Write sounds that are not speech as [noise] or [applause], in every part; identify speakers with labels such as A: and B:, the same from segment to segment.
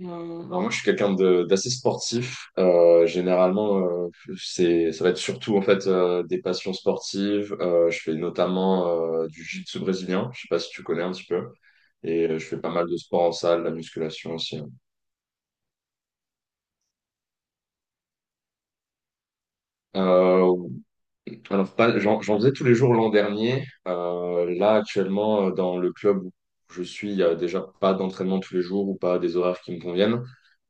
A: Alors moi, je suis quelqu'un d'assez sportif. Généralement, ça va être surtout en fait des passions sportives. Je fais notamment du jiu-jitsu brésilien. Je sais pas si tu connais un petit peu. Et je fais pas mal de sport en salle, la musculation aussi. Euh, alors pas, j'en faisais tous les jours l'an dernier. Là, actuellement, dans le club où je suis, il y a déjà pas d'entraînement tous les jours ou pas des horaires qui me conviennent.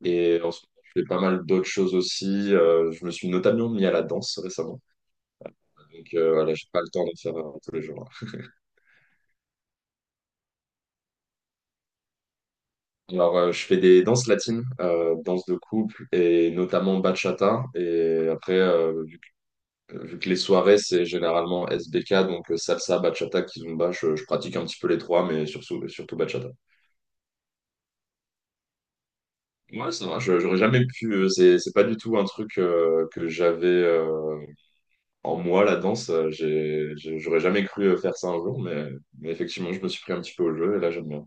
A: Et en ce moment, je fais pas mal d'autres choses aussi. Je me suis notamment mis à la danse récemment. Donc, voilà, j'ai pas le temps de faire tous les jours. Alors, je fais des danses latines, danses de couple et notamment bachata. Et après, vu que les soirées c'est généralement S B K, donc, salsa, bachata, kizomba, je pratique un petit peu les trois, mais surtout surtout bachata. Ouais, ça va. J'aurais jamais pu. C'est pas du tout un truc que j'avais en moi, la danse. J'aurais jamais cru faire ça un jour, mais effectivement, je me suis pris un petit peu au jeu et là j'aime bien.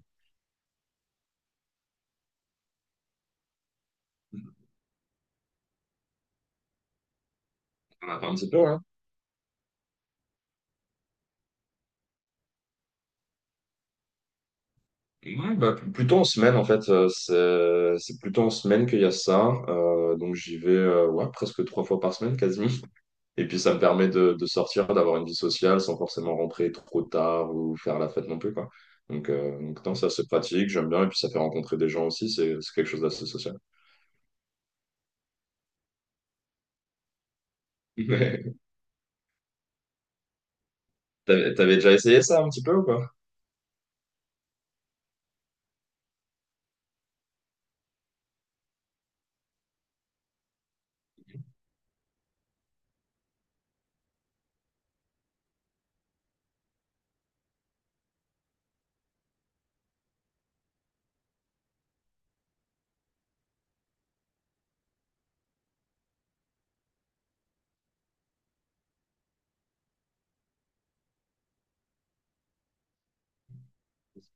A: On a fait un petit peu, ouais. Ouais, bah, plutôt en semaine en fait, c'est plutôt en semaine qu'il y a ça. Donc j'y vais ouais, presque 3 fois par semaine quasiment. Et puis ça me permet de sortir, d'avoir une vie sociale sans forcément rentrer trop tard ou faire la fête non plus quoi. Donc, non, ça c'est pratique, j'aime bien et puis ça fait rencontrer des gens aussi, c'est quelque chose d'assez social. [laughs] Mais, t'avais déjà essayé ça un petit peu ou pas?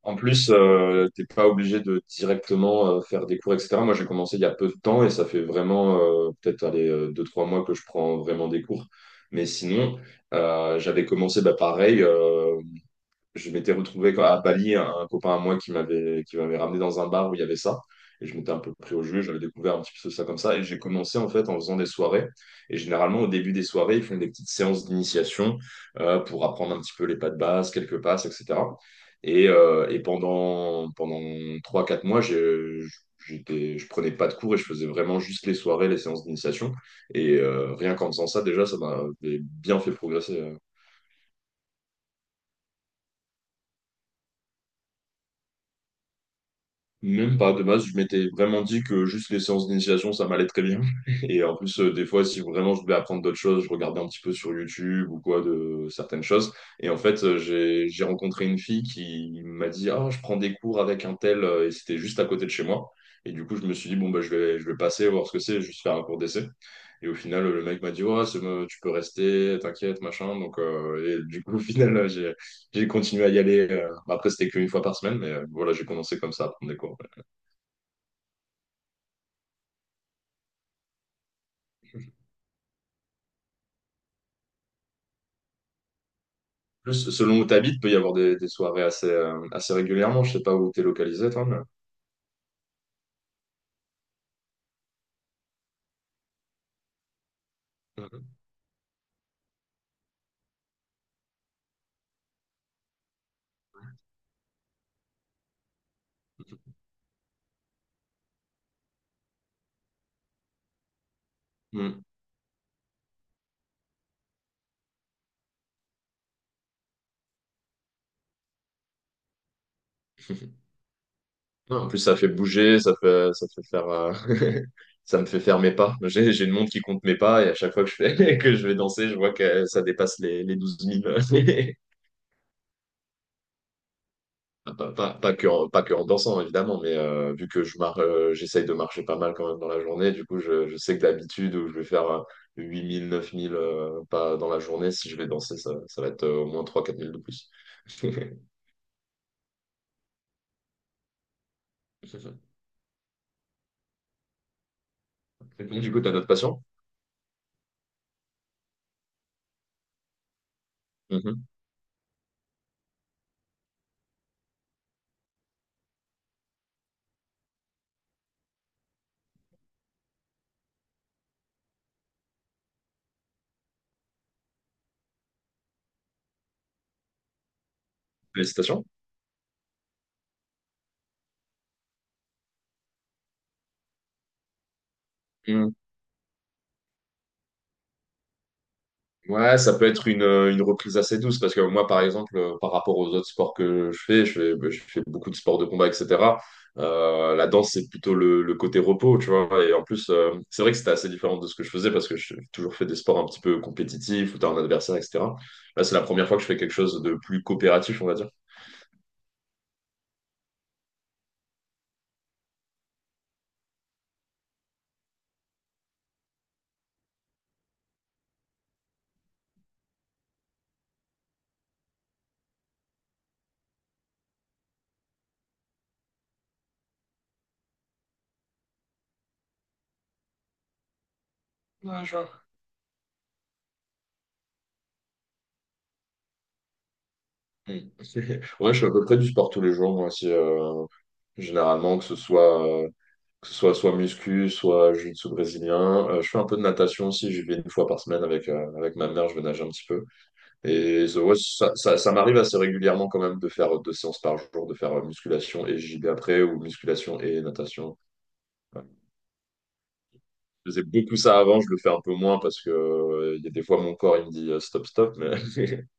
A: En plus, t'es pas obligé de directement faire des cours, etc. Moi, j'ai commencé il y a peu de temps et ça fait vraiment peut-être allez, deux, trois mois que je prends vraiment des cours. Mais sinon, j'avais commencé bah, pareil. Je m'étais retrouvé à Bali, un copain à moi qui m'avait ramené dans un bar où il y avait ça. Et je m'étais un peu pris au jeu, j'avais découvert un petit peu ça comme ça. Et j'ai commencé en fait en faisant des soirées. Et généralement, au début des soirées, ils font des petites séances d'initiation pour apprendre un petit peu les pas de base, quelques passes, etc. Et pendant trois quatre mois, je prenais pas de cours et je faisais vraiment juste les soirées, les séances d'initiation. Et rien qu'en faisant ça, déjà, ça m'a bien fait progresser. Même pas de base, je m'étais vraiment dit que juste les séances d'initiation, ça m'allait très bien. [laughs] Et en plus, des fois, si vraiment je voulais apprendre d'autres choses, je regardais un petit peu sur YouTube ou quoi de certaines choses. Et en fait, j'ai rencontré une fille qui m'a dit : « Ah, je prends des cours avec un tel », et c'était juste à côté de chez moi. Et du coup, je me suis dit, bon, bah, je vais passer, voir ce que c'est, juste faire un cours d'essai. Et au final, le mec m'a dit, ouais, c'est bon, tu peux rester, t'inquiète, machin. Donc, et du coup, au final, j'ai continué à y aller. Bah, après, c'était qu'une fois par semaine, mais voilà, j'ai commencé comme ça à prendre des cours, ouais. Plus, selon où tu habites, peut y avoir des soirées assez régulièrement. Je sais pas où tu es localisé, toi, mais... Mhm. Mm. Non, en plus, ça fait bouger, [laughs] ça me fait faire mes pas. J'ai une montre qui compte mes pas et à chaque fois que [laughs] que je vais danser, je vois que ça dépasse les 12 000. [laughs] Ah, pas que en dansant, évidemment, mais vu que je mar j'essaye de marcher pas mal quand même dans la journée, du coup, je sais que d'habitude, où je vais faire 8 000, 9 000 pas dans la journée, si je vais danser, ça va être au moins trois quatre mille de plus. [laughs] Du coup, tu as d'autres passions? Mhm. Félicitations. Ouais, ça peut être une reprise assez douce parce que moi, par exemple, par rapport aux autres sports que je fais beaucoup de sports de combat, etc. La danse, c'est plutôt le côté repos, tu vois. Et en plus, c'est vrai que c'était assez différent de ce que je faisais parce que j'ai toujours fait des sports un petit peu compétitifs où t'as un adversaire, etc. Là, c'est la première fois que je fais quelque chose de plus coopératif, on va dire. Ouais, je vois. Mm. [laughs] Ouais, je fais à peu près du sport tous les jours, moi aussi, généralement, que ce soit soit muscu, soit jiu-jitsu brésilien. Je fais un peu de natation aussi, j'y vais une fois par semaine avec ma mère, je vais nager un petit peu. Et ouais, ça m'arrive assez régulièrement quand même de faire deux séances par jour, de faire musculation et JB après, ou musculation et natation. Ouais. Je faisais beaucoup ça avant, je le fais un peu moins parce que il y a des fois mon corps il me dit stop, stop. Mais... [laughs]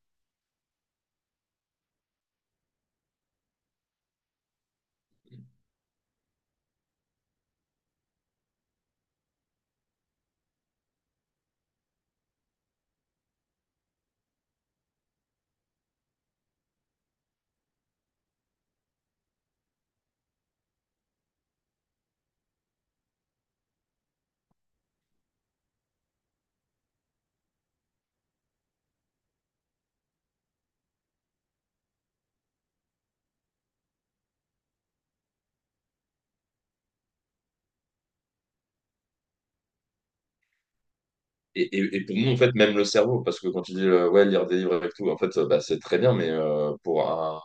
A: Et, pour nous, en fait, même le cerveau, parce que quand tu dis ouais, lire des livres avec tout, en fait, bah, c'est très bien, mais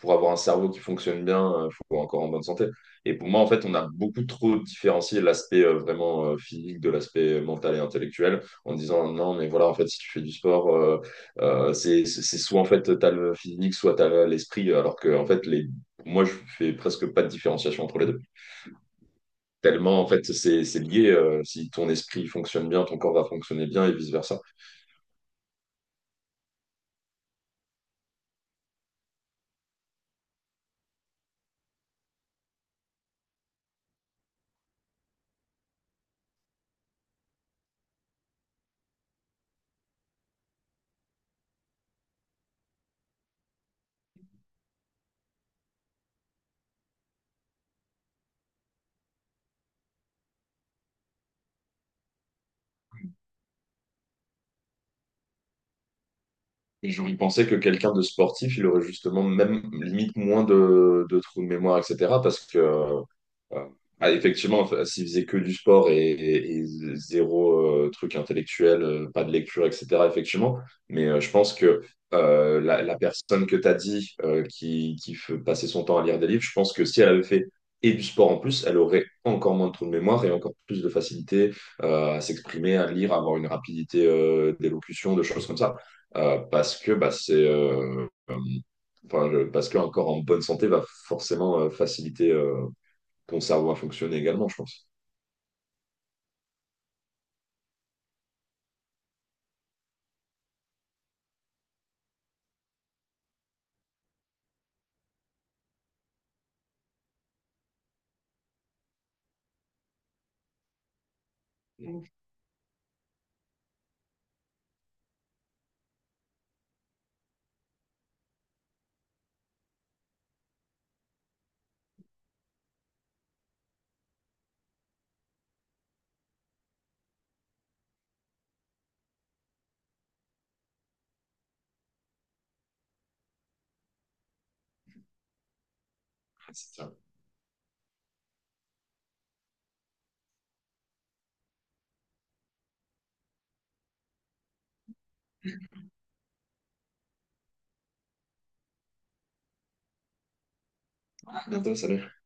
A: pour avoir un cerveau qui fonctionne bien, il faut encore en bonne santé. Et pour moi, en fait, on a beaucoup trop différencié l'aspect vraiment physique de l'aspect mental et intellectuel en disant non, mais voilà, en fait, si tu fais du sport, c'est soit en fait t'as le physique, soit t'as l'esprit, alors que en fait, moi, je fais presque pas de différenciation entre les deux. Tellement, en fait, c'est lié. Si ton esprit fonctionne bien, ton corps va fonctionner bien et vice-versa. Et j'aurais pensé que quelqu'un de sportif, il aurait justement même limite moins de trous de mémoire, etc. Parce que Euh, ah, effectivement, enfin, s'ils faisaient que du sport et zéro truc intellectuel, pas de lecture, etc., effectivement. Mais je pense que la personne que tu as dit passait son temps à lire des livres, je pense que si elle avait fait et du sport en plus, elle aurait encore moins de trous de mémoire et encore plus de facilité à s'exprimer, à lire, à avoir une rapidité d'élocution, de choses comme ça. Parce que bah, c'est. Enfin, parce qu'un corps en bonne santé va forcément faciliter ton cerveau va fonctionner également, je pense. C'est ça. Bientôt, salut.